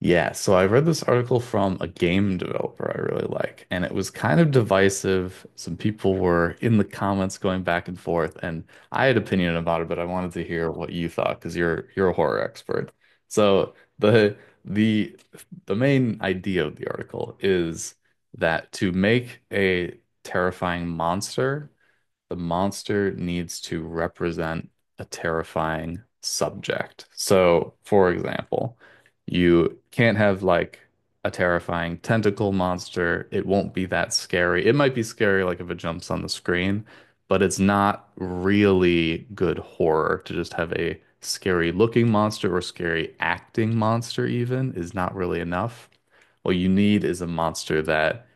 Yeah, so I read this article from a game developer I really like, and it was kind of divisive. Some people were in the comments going back and forth, and I had opinion about it, but I wanted to hear what you thought because you're a horror expert. So the the main idea of the article is that to make a terrifying monster, the monster needs to represent a terrifying subject. So, for example, you can't have like a terrifying tentacle monster. It won't be that scary. It might be scary like if it jumps on the screen, but it's not really good horror to just have a scary looking monster or scary acting monster even is not really enough. What you need is a monster that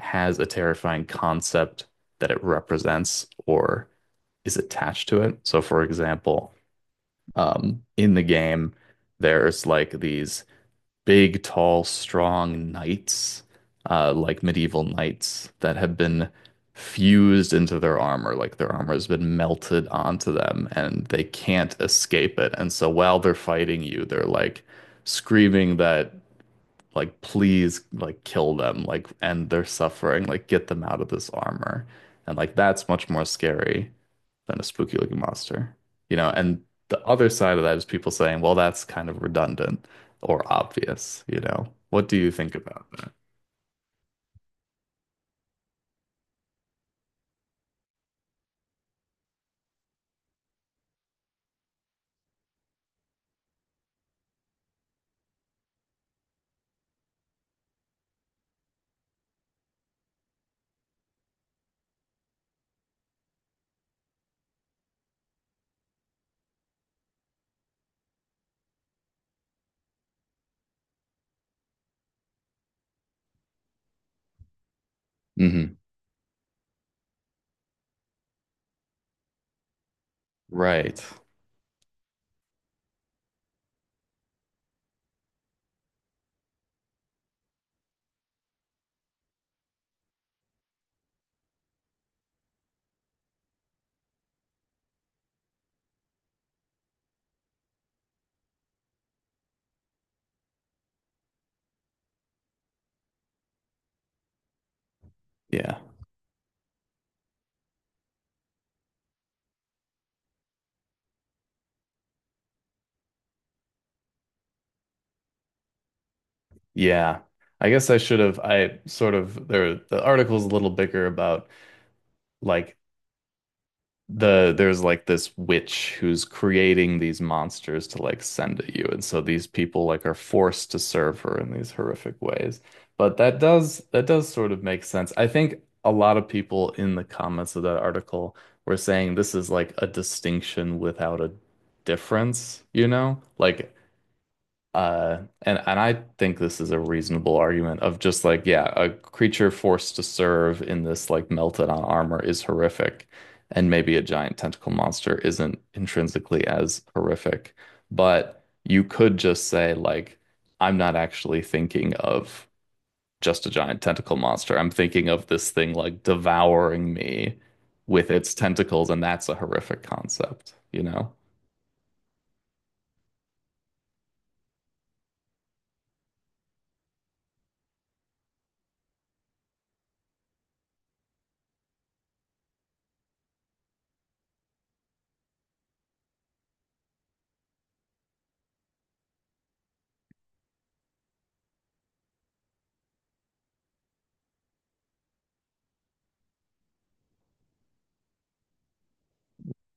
has a terrifying concept that it represents or is attached to it. So, for example, in the game, there's like these big, tall, strong knights, like medieval knights that have been fused into their armor. Like their armor has been melted onto them and they can't escape it. And so while they're fighting you, they're like screaming that like please like kill them like end their suffering like get them out of this armor and like that's much more scary than a spooky looking monster, you know, and the other side of that is people saying well that's kind of redundant or obvious, you know, what do you think about that? Hmm. Right. Yeah, yeah, I guess I should have I sort of there the article's a little bigger about like the there's like this witch who's creating these monsters to like send at you and so these people like are forced to serve her in these horrific ways, but that does sort of make sense. I think a lot of people in the comments of that article were saying this is like a distinction without a difference, you know, like and I think this is a reasonable argument of just like, yeah, a creature forced to serve in this like melted on armor is horrific, and maybe a giant tentacle monster isn't intrinsically as horrific, but you could just say like, I'm not actually thinking of just a giant tentacle monster. I'm thinking of this thing like devouring me with its tentacles, and that's a horrific concept, you know?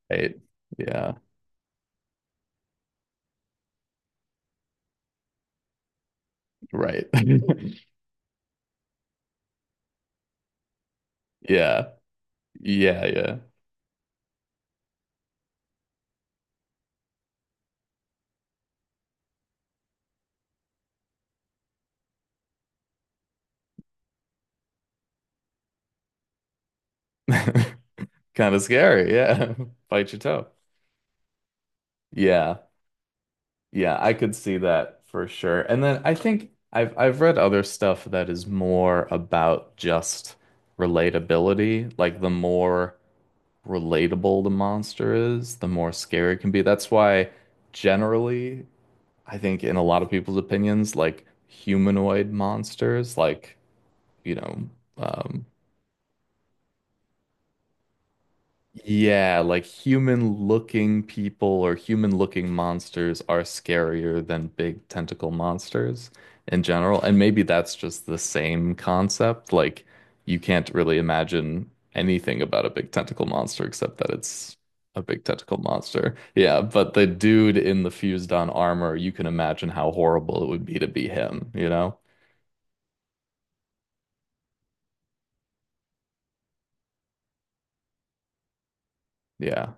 Right. Yeah, right. Yeah. Yeah, yeah. Kind of scary. Yeah. Bite your toe. Yeah. Yeah, I could see that for sure. And then I think I've read other stuff that is more about just relatability. Like the more relatable the monster is, the more scary it can be. That's why generally I think in a lot of people's opinions, like humanoid monsters, like, you know, um, yeah, like human-looking people or human-looking monsters are scarier than big tentacle monsters in general. And maybe that's just the same concept. Like you can't really imagine anything about a big tentacle monster except that it's a big tentacle monster. Yeah, but the dude in the fused-on armor, you can imagine how horrible it would be to be him, you know? Yeah.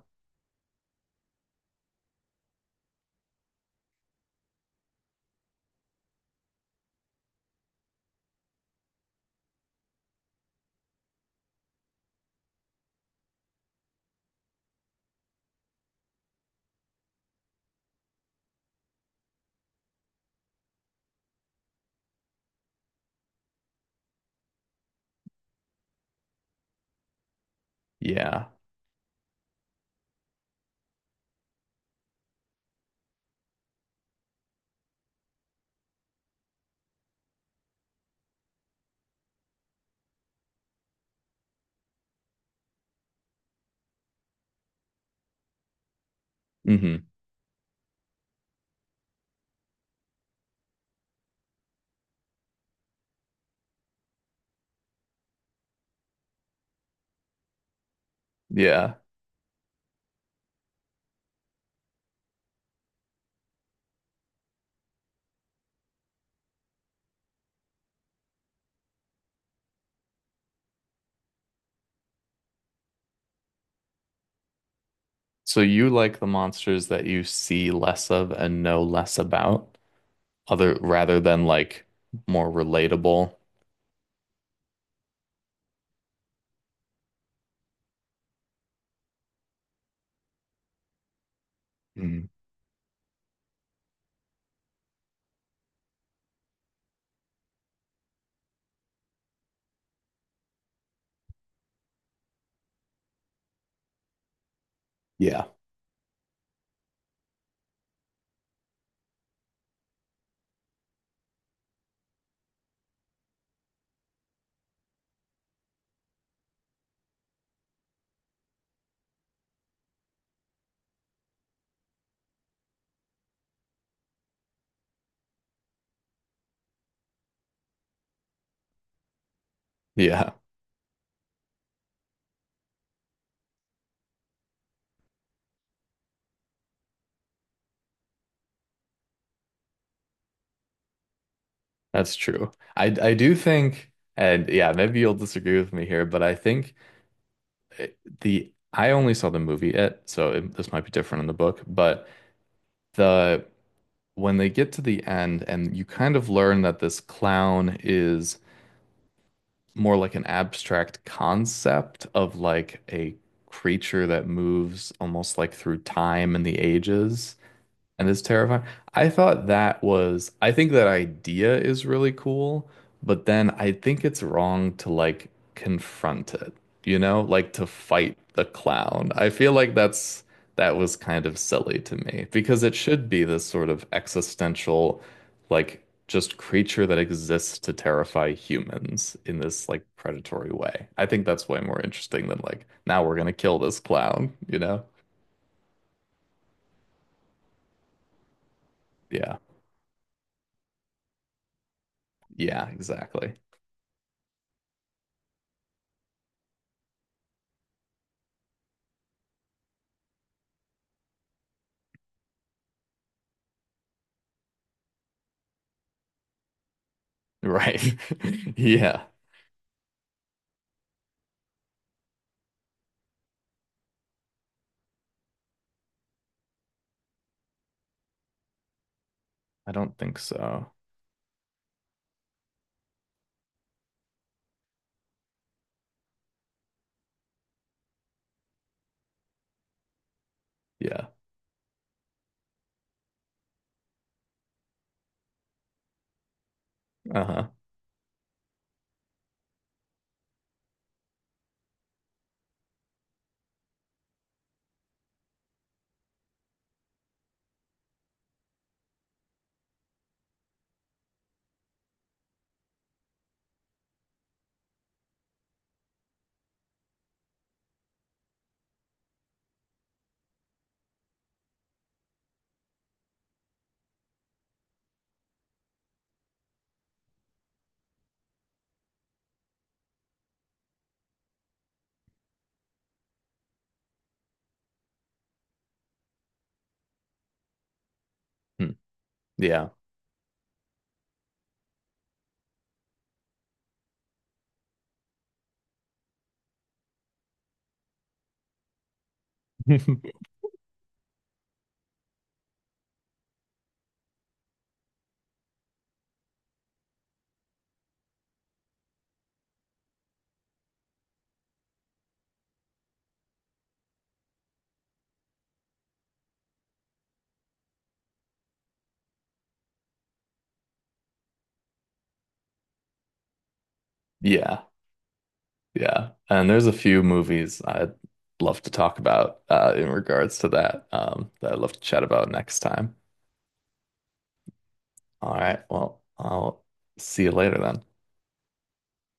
Yeah. Hmm. Yeah. So you like the monsters that you see less of and know less about, other rather than like more relatable. Mm. Yeah. Yeah, that's true. I do think, and yeah, maybe you'll disagree with me here, but I think the I only saw the movie It, so it, this might be different in the book, but the when they get to the end and you kind of learn that this clown is more like an abstract concept of like a creature that moves almost like through time and the ages. And it's terrifying. I thought that was, I think that idea is really cool, but then I think it's wrong to like confront it, you know, like to fight the clown. I feel like that's, that was kind of silly to me because it should be this sort of existential, like just creature that exists to terrify humans in this like predatory way. I think that's way more interesting than like, now we're gonna kill this clown, you know? Yeah. Yeah, exactly. Right. Yeah. I don't think so. Yeah. Uh-huh. Hmm. Yeah. Yeah. Yeah. And there's a few movies I'd love to talk about in regards to that that I'd love to chat about next time. All right. Well, I'll see you later then.